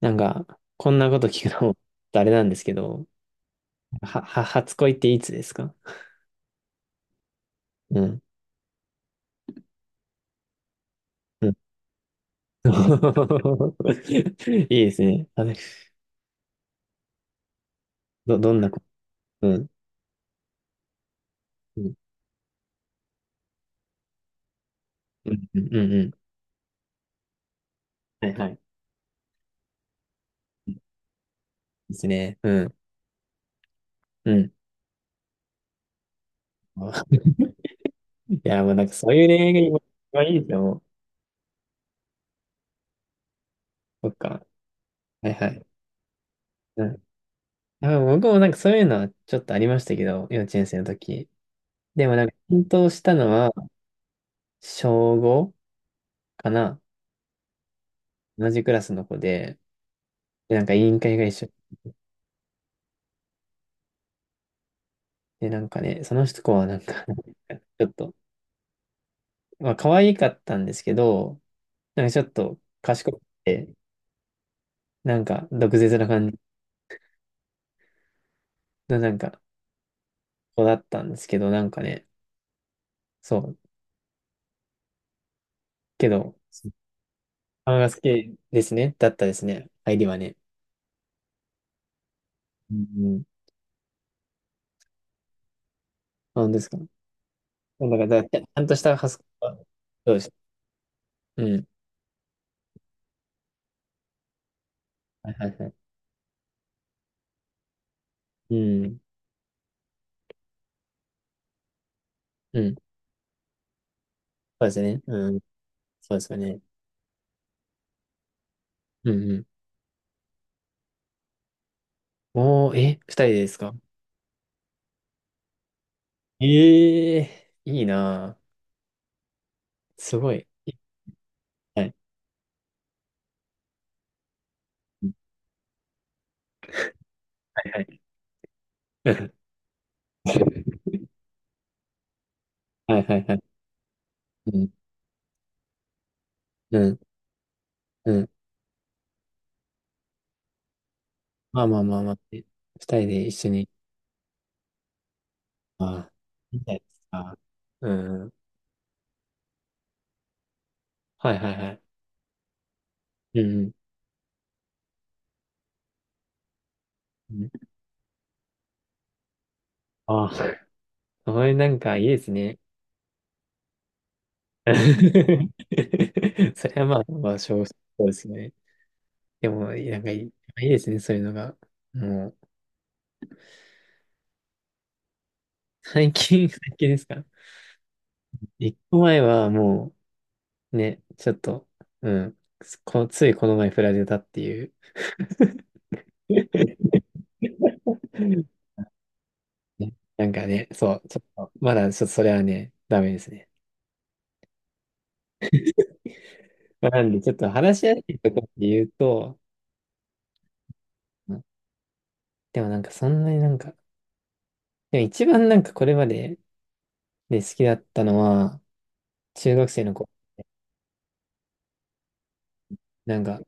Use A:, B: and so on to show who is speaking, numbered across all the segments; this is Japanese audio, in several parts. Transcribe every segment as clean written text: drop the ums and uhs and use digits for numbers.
A: なんか、こんなこと聞くのも あれなんですけど、初恋っていつですか？うん。うん。いいですね。あれ、ど、どんなこ、うん。うん。うん。うん。うんうん。はいはい。うん、いいですね。うん。うん。いや、もうなんかそういう恋愛が今、今いいですよ、もう。そっか。はいはい。うん。あ、僕もなんかそういうのはちょっとありましたけど、幼稚園生の時。でもなんか、奮闘したのは、小5かな。同じクラスの子で、でなんか委員会が一緒で、なんかね、その子はなんか ちょっと、まあ、可愛かったんですけど、なんかちょっと賢くて、なんか毒舌な感じのなんか子だったんですけど、なんかね、そう、けど、顔が好きですね、だったですね、入りはね。うん、なんですか。だから、だからちゃんとしたハスは、そうです。うん。はいはいはい。うん。うん。そうですね。うん。そうですよね。うんうん。おー、え、二人ですか？ええー、いいなぁ。すごい。はい。はいはい。はいはいはい。うん、うん、うん。まあまあまあまあ。え、二人で一緒に。ああ、みたいですか。うん。はいはいはい。うん。うん。ああ、それなんかいいですね。それはまあ、まあ、少うそうですね。でも、なんかいい、いいですね、そういうのが。もう、最近、最近ですか？一個前はもう、ね、ちょっと、うん、ついこの前振られたっていう。ね、なんかね、そう、ちょっと、まだちょっとそれはね、ダメですね。まあなんで、ちょっと話しやすいところで言うと、うん、でもなんかそんなになんか、でも一番なんかこれまでで好きだったのは、中学生の子、なんか、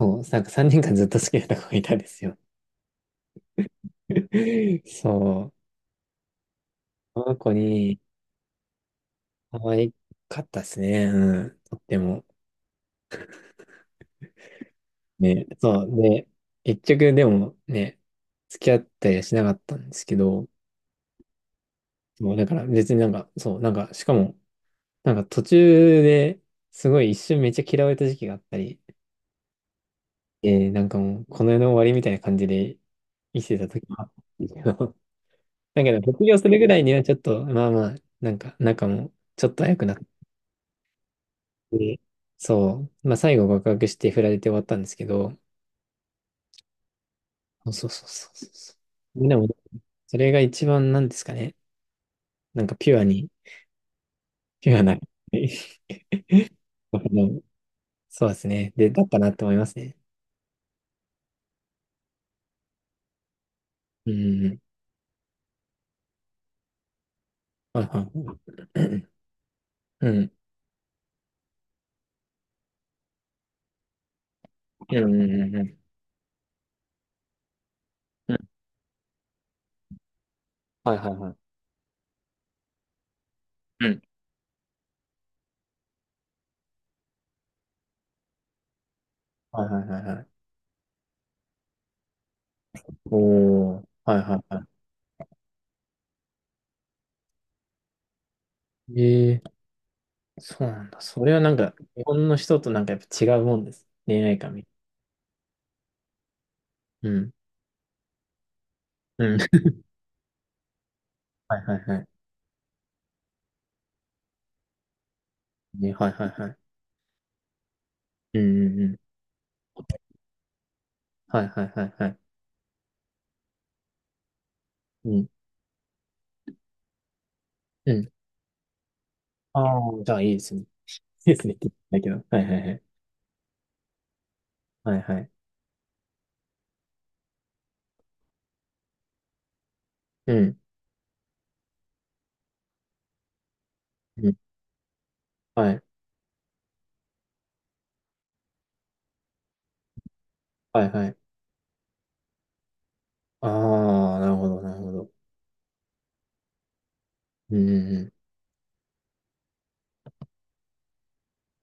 A: そう、なんか3年間ずっと好きだった子がいたんですよ。そう、この子に可愛かったですね、うん、とっても。ね、そう、で、結局でもね、付き合ったりはしなかったんですけど、もうだから別になんか、そう、なんか、しかも、なんか途中ですごい一瞬めっちゃ嫌われた時期があったり、えー、なんかもう、この世の終わりみたいな感じで生きてた時は、だけど、卒業するぐらいにはちょっと、まあまあ、なんか、仲もちょっと早くなって、そう、まあ最後告白して振られて終わったんですけど、そうそうそうそうそう。みんなも、それが一番なんですかね、なんかピュアに、ピュアな、あの、そうですね、で、だったなって思いますね。うん。はいはいはい。うん。うん。うん。うん。うんうん。はいはいはい。うん。はいはいはいはい。おー。はいはいはい。ええー、そうなんだ。それはなんか、日本の人となんかやっぱ違うもんです。恋愛観み。うん。うん。はいはいはい。ね、はいはいはい。うんうんうん。はいはいはいはい。うん。うん。ああ、じゃあいいですね。いいですねって言ったけど。はいはいはい。はいはい。うん。うん。はい。はいはい。ああ、なるほどなるほど。うんうん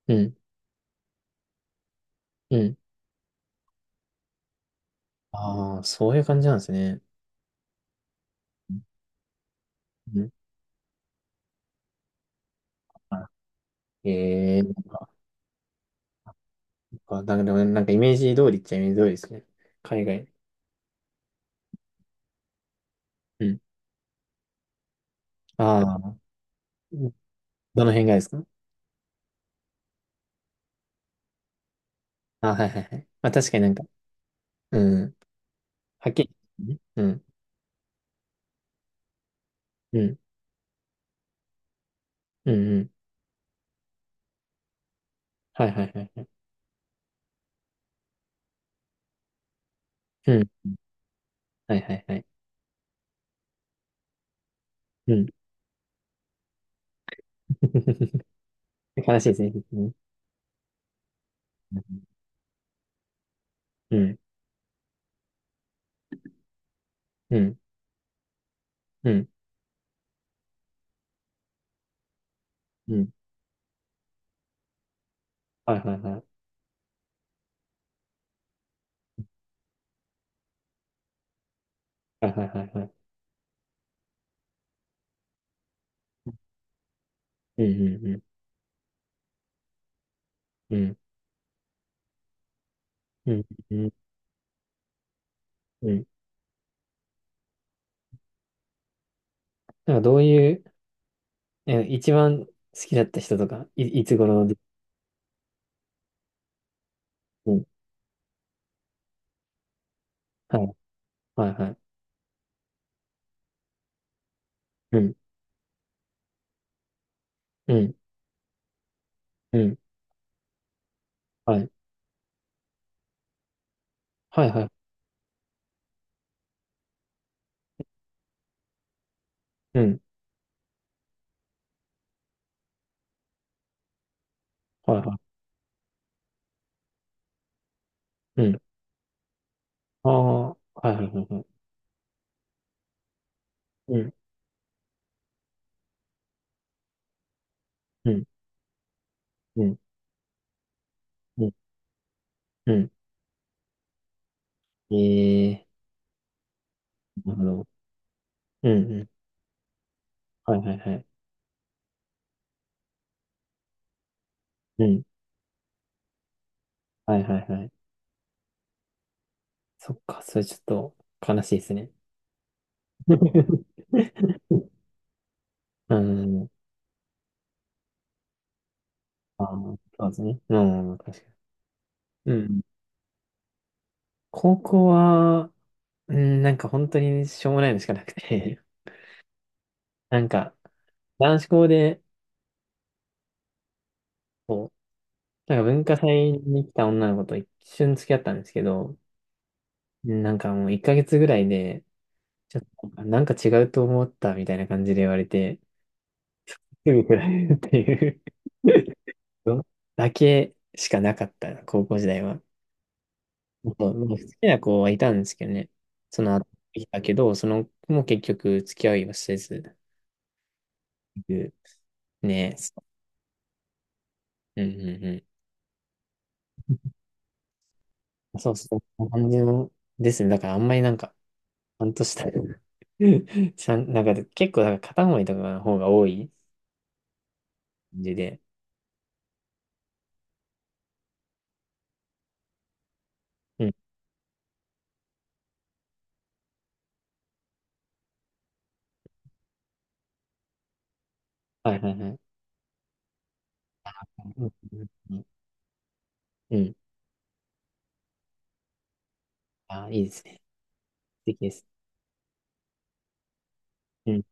A: うん。うん。うん。ああ、そういう感じなんですね。うん、あ、ええ、あ、なんか、でもねなんかイメージ通りっちゃイメージ通りですね。海外。うん。ああ、どの辺がですか？あ、はいはいはい。まあ確かになんか、うん。はっきり。ね、うん。うん。うん。うん。はいはいはい。うん。はいはいはい。うん。悲しいですね。うん、うん、うん、うん。はいはいはい。はいはいはいはい。うん、うん、うん、うん、うん、うん。うん、なんかどういう、え、一番好きだった人とか、い、いつ頃で、うん。はい、はい、はい。うん、うん、うん。はい、はい、はい。うん、はい、はい。うん。ああ、はい、はい、はい。はい、うん、うん、うん、うん、うん。ええ、なるほど。うん、うん。はい、はい、はい。うん、はい、はい、はい。そっか、それちょっと悲しいですね。うん、あーそうですね。うん、確かに。うん。高校は、うん、なんか本当にしょうもないのしかなくて、なんか、男子校で、こう、なんか文化祭に来た女の子と一瞬付き合ったんですけど、なんかもう1ヶ月ぐらいで、ちょっとなんか違うと思ったみたいな感じで言われて、すぐ振られるっていうの だけしかなかった、高校時代は。そう、もう好きな子はいたんですけどね。その後、いたけど、その子も結局付き合いはせず、ね。うんうんうん。そうそう、こんな感じのですね。だからあんまりなんか、半年だよ。ちゃん、なんか結構なんか片思いとかの方が多い感じで。うん。はいはいはい。うん。うん。うん。あ、いいですね。素敵です。うん。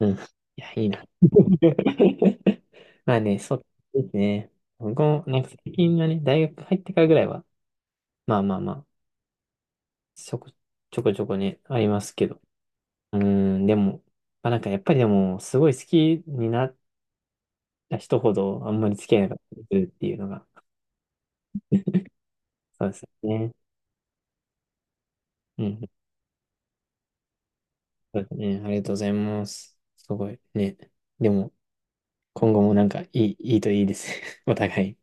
A: うん。いや、いいな。まあね、そうですね。僕も、なんか最近はね、大学入ってからぐらいは、まあまあまあ、ちょこちょこちょこね、ありますけど。うーん、でも、まあなんかやっぱりでも、すごい好きになった人ほど、あんまり付き合えなかったりするっていうのが、そうですよね。うん、そうですね。ありがとうございます。すごいね。でも、今後もなんかいい、いいといいです。お互い。